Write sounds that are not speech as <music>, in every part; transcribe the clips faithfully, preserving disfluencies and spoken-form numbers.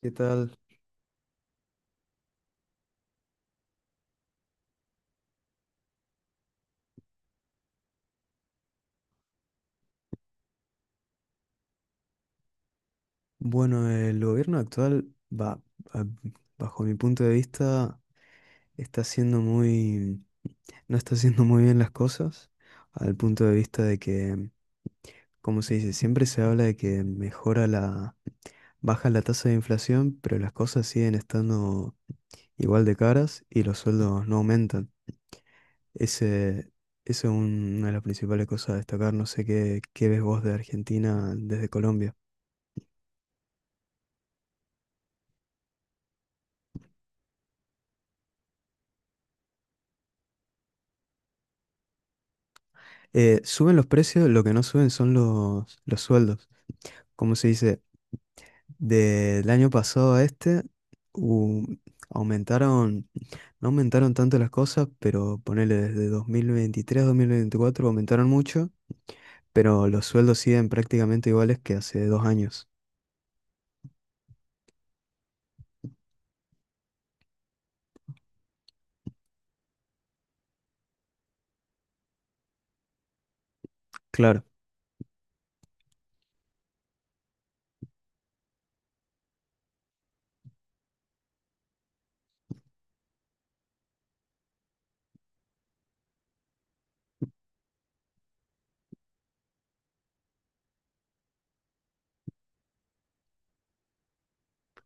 ¿Qué tal? Bueno, el gobierno actual va, a- bajo mi punto de vista, está haciendo muy, no está haciendo muy bien las cosas, al punto de vista de que, como se dice, siempre se habla de que mejora la, baja la tasa de inflación, pero las cosas siguen estando igual de caras y los sueldos no aumentan. Ese, eso es un- una de las principales cosas a destacar. No sé qué, qué ves vos de Argentina desde Colombia. Eh, suben los precios, lo que no suben son los, los sueldos. ¿Cómo se dice? Del año pasado a este, hu- aumentaron, no aumentaron tanto las cosas, pero ponele desde dos mil veintitrés a dos mil veinticuatro aumentaron mucho, pero los sueldos siguen prácticamente iguales que hace dos años. Claro.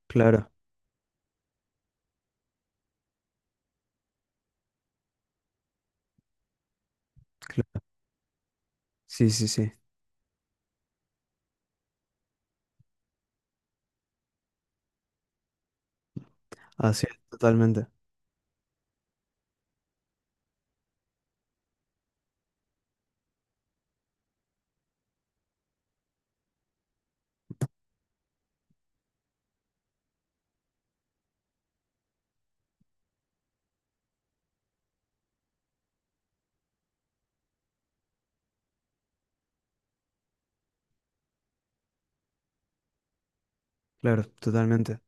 Claro, claro. Sí, sí, sí. Así es, totalmente. Claro, totalmente.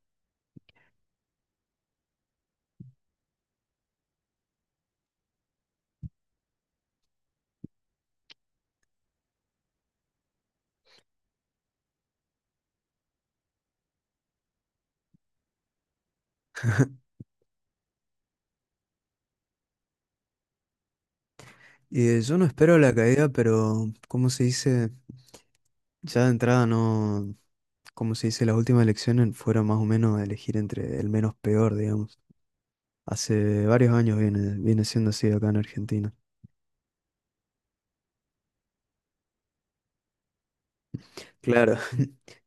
Y eh, yo no espero la caída, pero ¿cómo se dice? Ya de entrada no, como se dice, las últimas elecciones fueron más o menos a elegir entre el menos peor, digamos. Hace varios años viene, viene siendo así acá en Argentina. Claro, <laughs>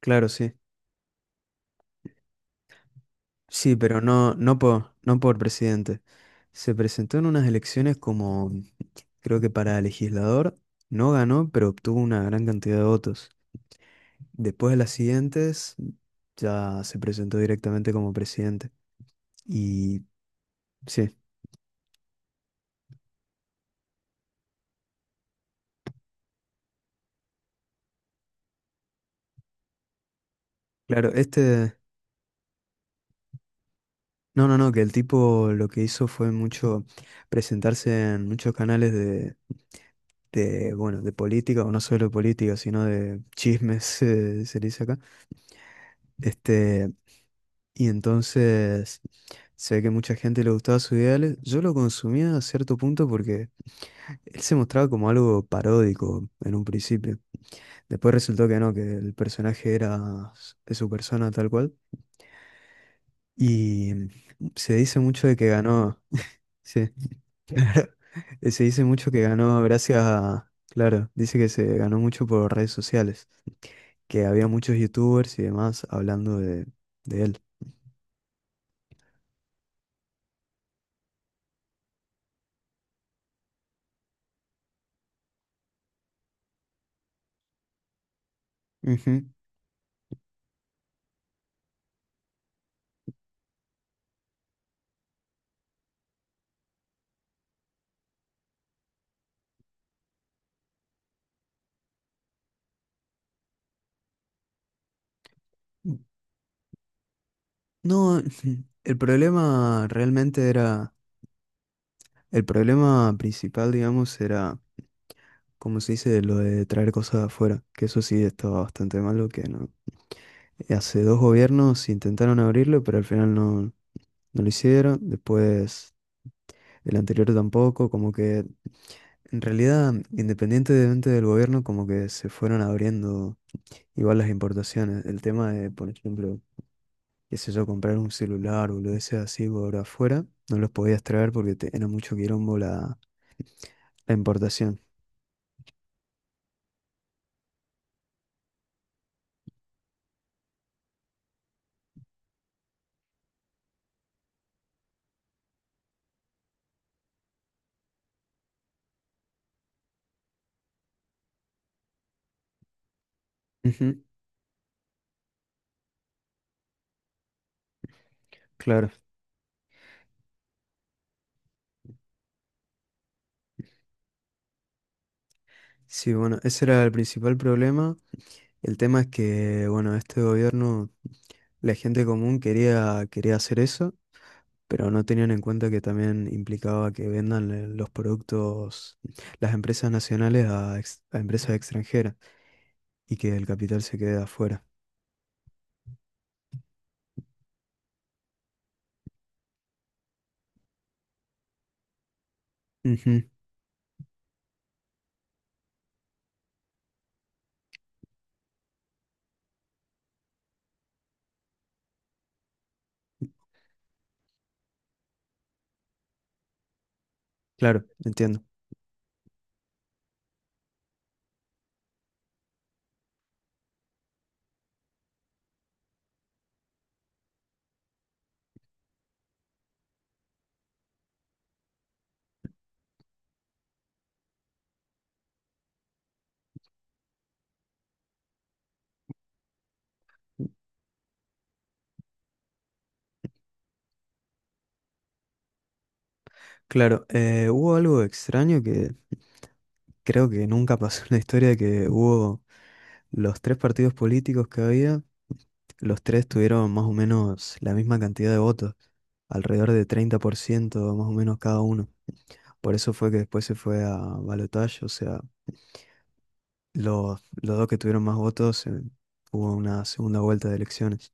claro, sí. Sí, pero no, no por, no por presidente. Se presentó en unas elecciones como, creo que para legislador, no ganó, pero obtuvo una gran cantidad de votos. Después de las siguientes, ya se presentó directamente como presidente. Y sí, claro, este... No, no, no, que el tipo lo que hizo fue mucho presentarse en muchos canales de, de, bueno, de política, o no solo de política, sino de chismes, <laughs> eh, se dice acá. Este, y entonces se ve que mucha gente le gustaba sus ideales. Yo lo consumía a cierto punto porque él se mostraba como algo paródico en un principio. Después resultó que no, que el personaje era s- de su persona tal cual. Y mm, se dice mucho de que ganó. Sí, <laughs> claro. Eh, Se dice mucho que ganó gracias a. Claro, dice que se ganó mucho por redes sociales, que había muchos youtubers y demás hablando de, de él. Ujú. No, <laughs> el problema realmente era, el problema principal, digamos, era, como se dice, lo de traer cosas de afuera, que eso sí estaba bastante malo, que no, hace dos gobiernos intentaron abrirlo, pero al final no, no lo hicieron. Después el anterior tampoco, como que en realidad, independientemente del gobierno, como que se fueron abriendo igual las importaciones. El tema de, por ejemplo, qué sé yo, comprar un celular o lo de ese así por afuera, no los podías traer porque te- era mucho quilombo la, la importación. Ujú. Claro. Sí, bueno, ese era el principal problema. El tema es que, bueno, este gobierno, la gente común quería, quería hacer eso, pero no tenían en cuenta que también implicaba que vendan eh, los productos, las empresas nacionales a, ex- a empresas extranjeras y que el capital se quede afuera. Ujú. Claro, entiendo. Claro, eh, hubo algo extraño que creo que nunca pasó en la historia, que hubo los tres partidos políticos que había, los tres tuvieron más o menos la misma cantidad de votos, alrededor de treinta por ciento más o menos cada uno. Por eso fue que después se fue a balotaje, o sea, los, los dos que tuvieron más votos, eh, hubo una segunda vuelta de elecciones.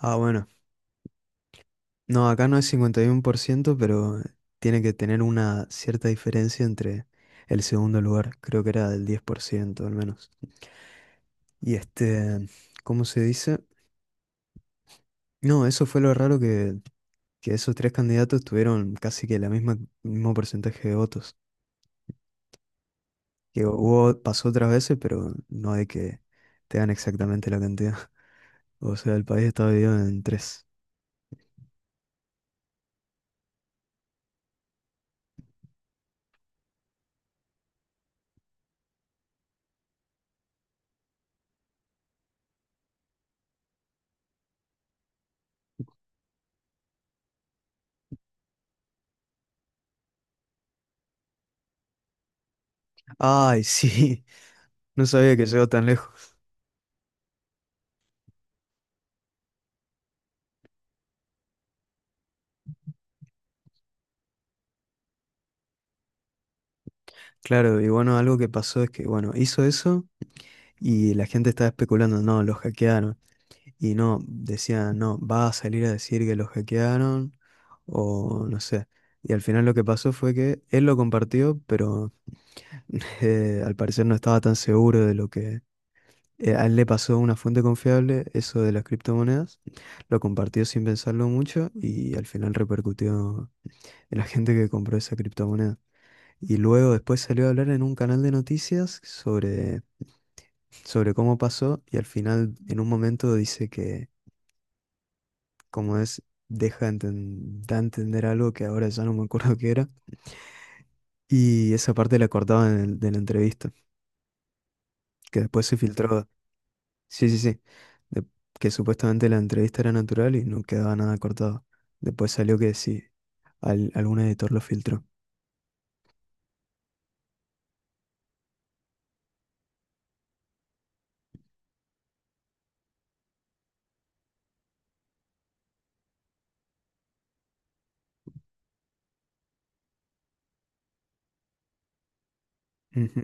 Ah, bueno, no, acá no es cincuenta y uno por ciento pero tiene que tener una cierta diferencia entre el segundo lugar, creo que era del diez por ciento al menos. Y este, ¿cómo se dice? No, eso fue lo raro que, que esos tres candidatos tuvieron casi que la misma, mismo porcentaje de votos. Que hubo, pasó otras veces, pero no de que te dan exactamente la cantidad. <laughs> O sea, el país estaba dividido en tres. Ay, sí, <laughs> no sabía que llegó tan lejos. Claro, y bueno, algo que pasó es que, bueno, hizo eso y la gente estaba especulando, no, los hackearon. Y no, decían, no, va a salir a decir que los hackearon o no sé. Y al final lo que pasó fue que él lo compartió, pero <laughs> eh, al parecer no estaba tan seguro de lo que eh, a él le pasó una fuente confiable, eso de las criptomonedas. Lo compartió sin pensarlo mucho y al final repercutió en la gente que compró esa criptomoneda. Y luego después salió a hablar en un canal de noticias sobre sobre cómo pasó y al final en un momento dice que como es, deja enten- da a entender algo que ahora ya no me acuerdo qué era y esa parte la cortaban en el- de la entrevista, que después se filtró, sí, sí, sí, de- que supuestamente la entrevista era natural y no quedaba nada cortado. Después salió que sí, al, algún editor lo filtró. Ujú.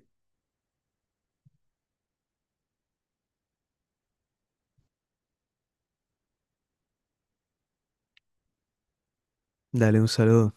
Dale un saludo.